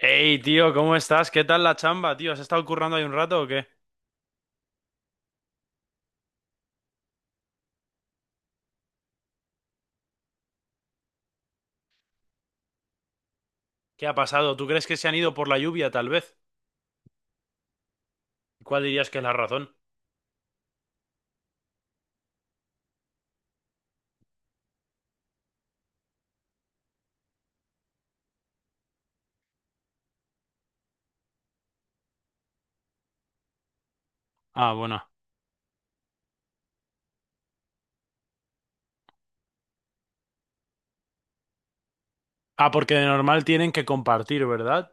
Hey, tío, ¿cómo estás? ¿Qué tal la chamba, tío? ¿Has estado currando ahí un rato o qué? ¿Qué ha pasado? ¿Tú crees que se han ido por la lluvia, tal vez? ¿Cuál dirías que es la razón? Ah, bueno. Ah, porque de normal tienen que compartir, ¿verdad?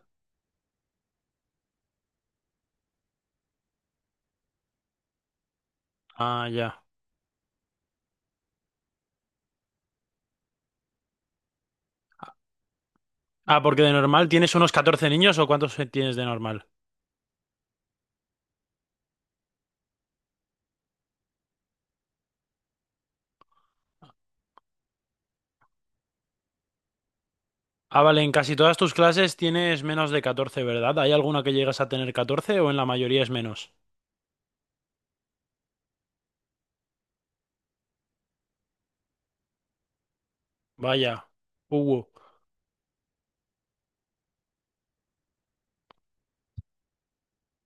Ah, ya. Ah, porque de normal tienes unos 14 niños o ¿cuántos tienes de normal? Ah, vale, en casi todas tus clases tienes menos de 14, ¿verdad? ¿Hay alguna que llegas a tener 14 o en la mayoría es menos? Vaya. Uh.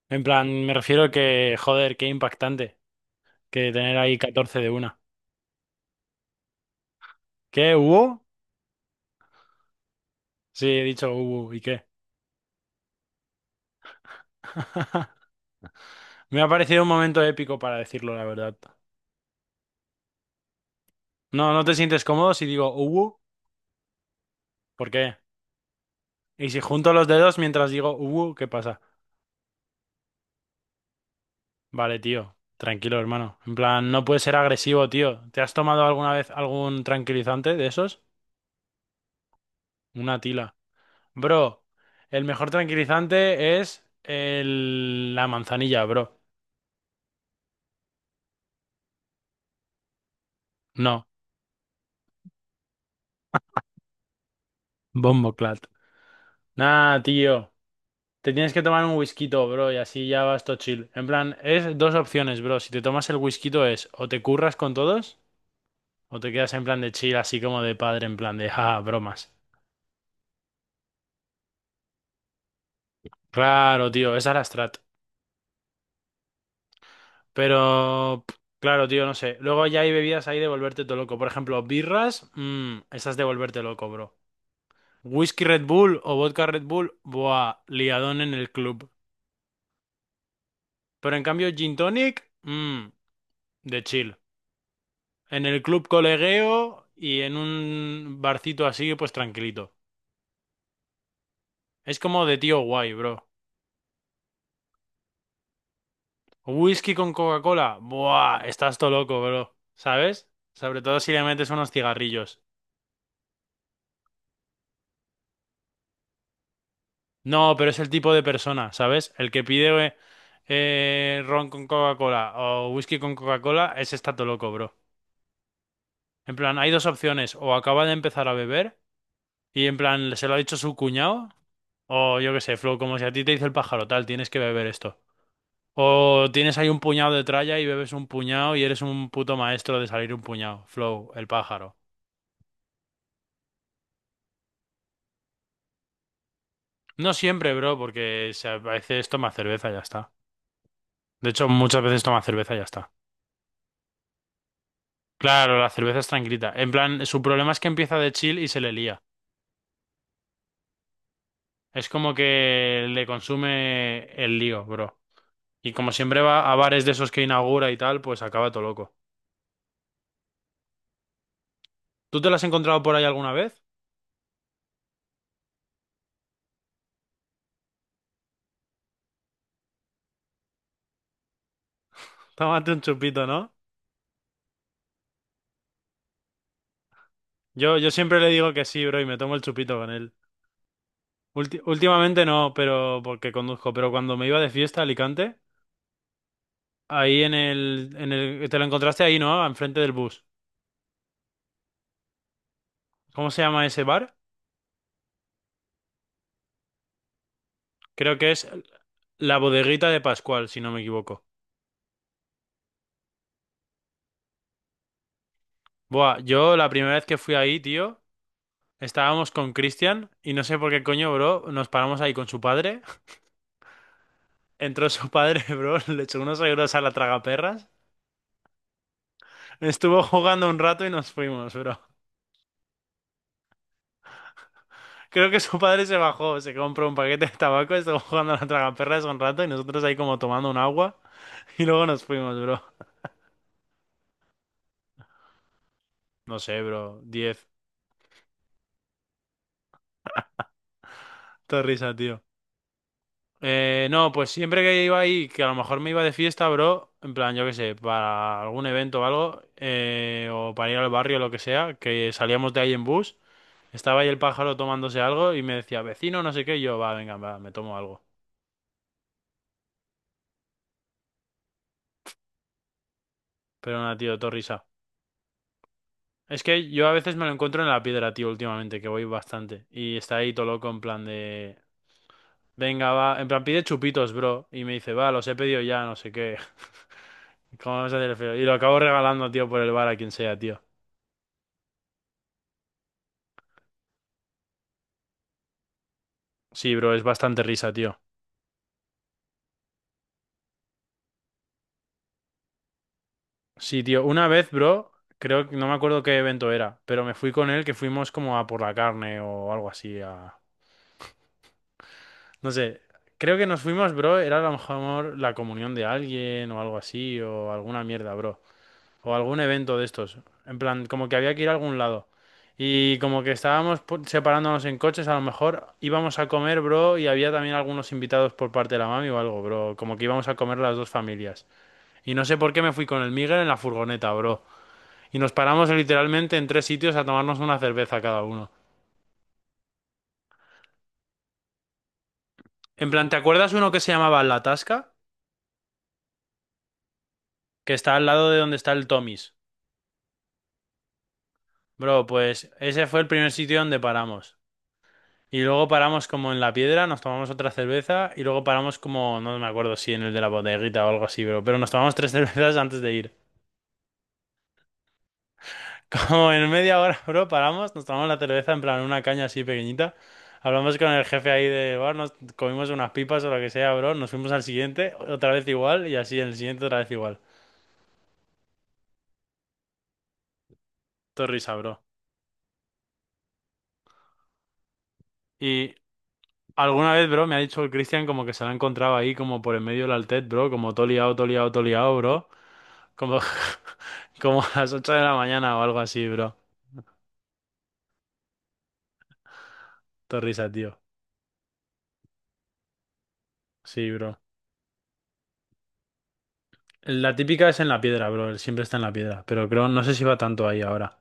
En plan, me refiero que, joder, qué impactante que tener ahí 14 de una. ¿Qué hubo? Sí, he dicho, ¿y qué? Me ha parecido un momento épico para decirlo, la verdad. No, ¿no te sientes cómodo si digo, uh? ¿Por qué? Y si junto los dedos mientras digo, ¿qué pasa? Vale, tío, tranquilo, hermano. En plan, no puedes ser agresivo, tío. ¿Te has tomado alguna vez algún tranquilizante de esos? Una tila. Bro, el mejor tranquilizante es la manzanilla, bro. No, Bomboclat. Nah, tío. Te tienes que tomar un whisky, bro, y así ya vas todo chill. En plan, es dos opciones, bro. Si te tomas el whisky es o te curras con todos o te quedas en plan de chill, así como de padre, en plan de, ja, ja, bromas. Claro, tío, esa es la strat. Pero, pff, claro, tío, no sé. Luego ya hay bebidas ahí de volverte todo loco. Por ejemplo, birras, esas de volverte loco, bro. Whisky Red Bull o vodka Red Bull, buah, liadón en el club. Pero en cambio, gin tonic, de chill. En el club colegueo y en un barcito así, pues tranquilito. Es como de tío guay, bro. Whisky con Coca-Cola. Buah, estás todo loco, bro. ¿Sabes? Sobre todo si le metes unos cigarrillos. No, pero es el tipo de persona, ¿sabes? El que pide ron con Coca-Cola o whisky con Coca-Cola, ese está todo loco, bro. En plan, hay dos opciones. O acaba de empezar a beber y en plan, se lo ha dicho su cuñado. O yo qué sé, Flo, como si a ti te dice el pájaro, tal, tienes que beber esto. O tienes ahí un puñado de tralla y bebes un puñado y eres un puto maestro de salir un puñado. Flow, el pájaro. No siempre, bro, porque a veces toma cerveza y ya está. De hecho, muchas veces toma cerveza y ya está. Claro, la cerveza es tranquilita. En plan, su problema es que empieza de chill y se le lía. Es como que le consume el lío, bro. Y como siempre va a bares de esos que inaugura y tal, pues acaba todo loco. ¿Tú te lo has encontrado por ahí alguna vez? Tómate un chupito, ¿no? Yo siempre le digo que sí, bro, y me tomo el chupito con él. Últimamente no, pero porque conduzco, pero cuando me iba de fiesta a Alicante, ahí en el, te lo encontraste ahí, ¿no? Enfrente del bus. ¿Cómo se llama ese bar? Creo que es la bodeguita de Pascual, si no me equivoco. Buah, yo la primera vez que fui ahí, tío, estábamos con Cristian y no sé por qué coño, bro, nos paramos ahí con su padre. Entró su padre, bro, le echó unos euros a la tragaperras, estuvo jugando un rato y nos fuimos, bro. Creo que su padre se bajó, se compró un paquete de tabaco, estuvo jugando a la tragaperras un rato y nosotros ahí como tomando un agua y luego nos fuimos, bro. No sé, bro. 10. Te risa, tío. No, pues siempre que iba ahí, que a lo mejor me iba de fiesta, bro, en plan, yo qué sé, para algún evento o algo, o para ir al barrio o lo que sea, que salíamos de ahí en bus, estaba ahí el pájaro tomándose algo y me decía, vecino, no sé qué, y yo, va, venga, va, me tomo algo. Pero nada, tío, todo risa. Es que yo a veces me lo encuentro en la piedra, tío, últimamente, que voy bastante. Y está ahí todo loco en plan de... Venga, va. En plan, pide chupitos, bro. Y me dice, va, los he pedido ya, no sé qué. ¿Cómo vas a hacer el feo? Y lo acabo regalando, tío, por el bar a quien sea, tío. Sí, bro, es bastante risa, tío. Sí, tío, una vez, bro, creo que no me acuerdo qué evento era, pero me fui con él que fuimos como a por la carne o algo así, a... No sé, creo que nos fuimos, bro, era a lo mejor la comunión de alguien o algo así, o alguna mierda, bro. O algún evento de estos. En plan, como que había que ir a algún lado. Y como que estábamos separándonos en coches, a lo mejor íbamos a comer, bro, y había también algunos invitados por parte de la mami o algo, bro. Como que íbamos a comer las dos familias. Y no sé por qué me fui con el Miguel en la furgoneta, bro. Y nos paramos literalmente en tres sitios a tomarnos una cerveza cada uno. En plan, ¿te acuerdas uno que se llamaba La Tasca? Que está al lado de donde está el Tommy's. Bro, pues ese fue el primer sitio donde paramos. Y luego paramos como en la piedra, nos tomamos otra cerveza y luego paramos como, no me acuerdo si en el de la bodeguita o algo así, pero nos tomamos tres cervezas antes de ir. Como en media hora, bro, paramos, nos tomamos la cerveza en plan una caña así pequeñita. Hablamos con el jefe ahí de bar, nos comimos unas pipas o lo que sea, bro. Nos fuimos al siguiente, otra vez igual y así en el siguiente otra vez igual. Todo risa, bro. Y alguna vez, bro, me ha dicho el Cristian como que se lo ha encontrado ahí como por en medio del altet, bro, como todo liado, todo liado, todo liado, bro. Como, como a las 8 de la mañana o algo así, bro. Todo risa, tío. Sí, bro. La típica es en la piedra, bro. Él siempre está en la piedra. Pero creo, no sé si va tanto ahí ahora.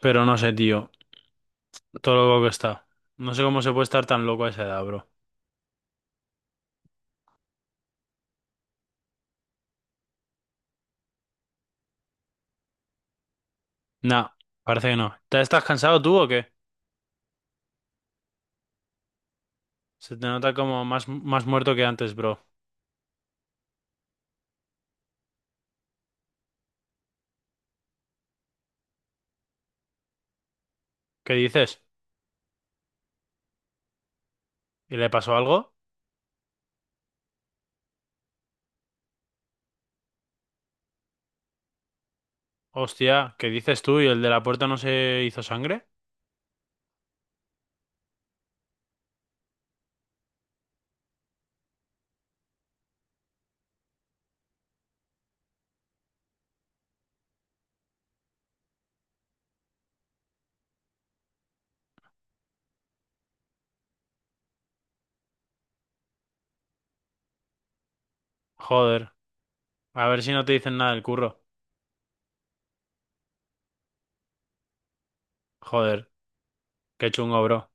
Pero no sé, tío. Todo lo loco que está. No sé cómo se puede estar tan loco a esa edad, bro. Nah, parece que no. ¿Te estás cansado tú o qué? Se te nota como más muerto que antes, bro. ¿Qué dices? ¿Y le pasó algo? Hostia, ¿qué dices tú? ¿Y el de la puerta no se hizo sangre? Joder. A ver si no te dicen nada del curro. Joder, qué chungo, bro.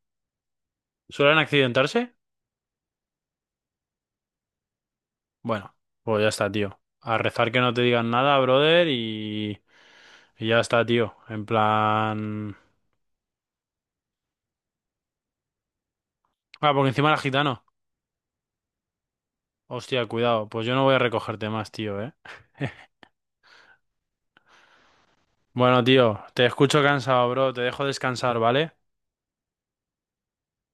¿Suelen accidentarse? Bueno, pues ya está, tío. A rezar que no te digan nada, brother, y ya está, tío. En plan... Ah, porque encima era gitano. Hostia, cuidado. Pues yo no voy a recogerte más, tío, ¿eh? Bueno, tío, te escucho cansado, bro. Te dejo descansar, ¿vale?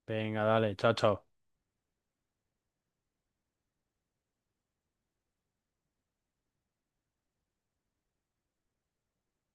Venga, dale. Chao, chao.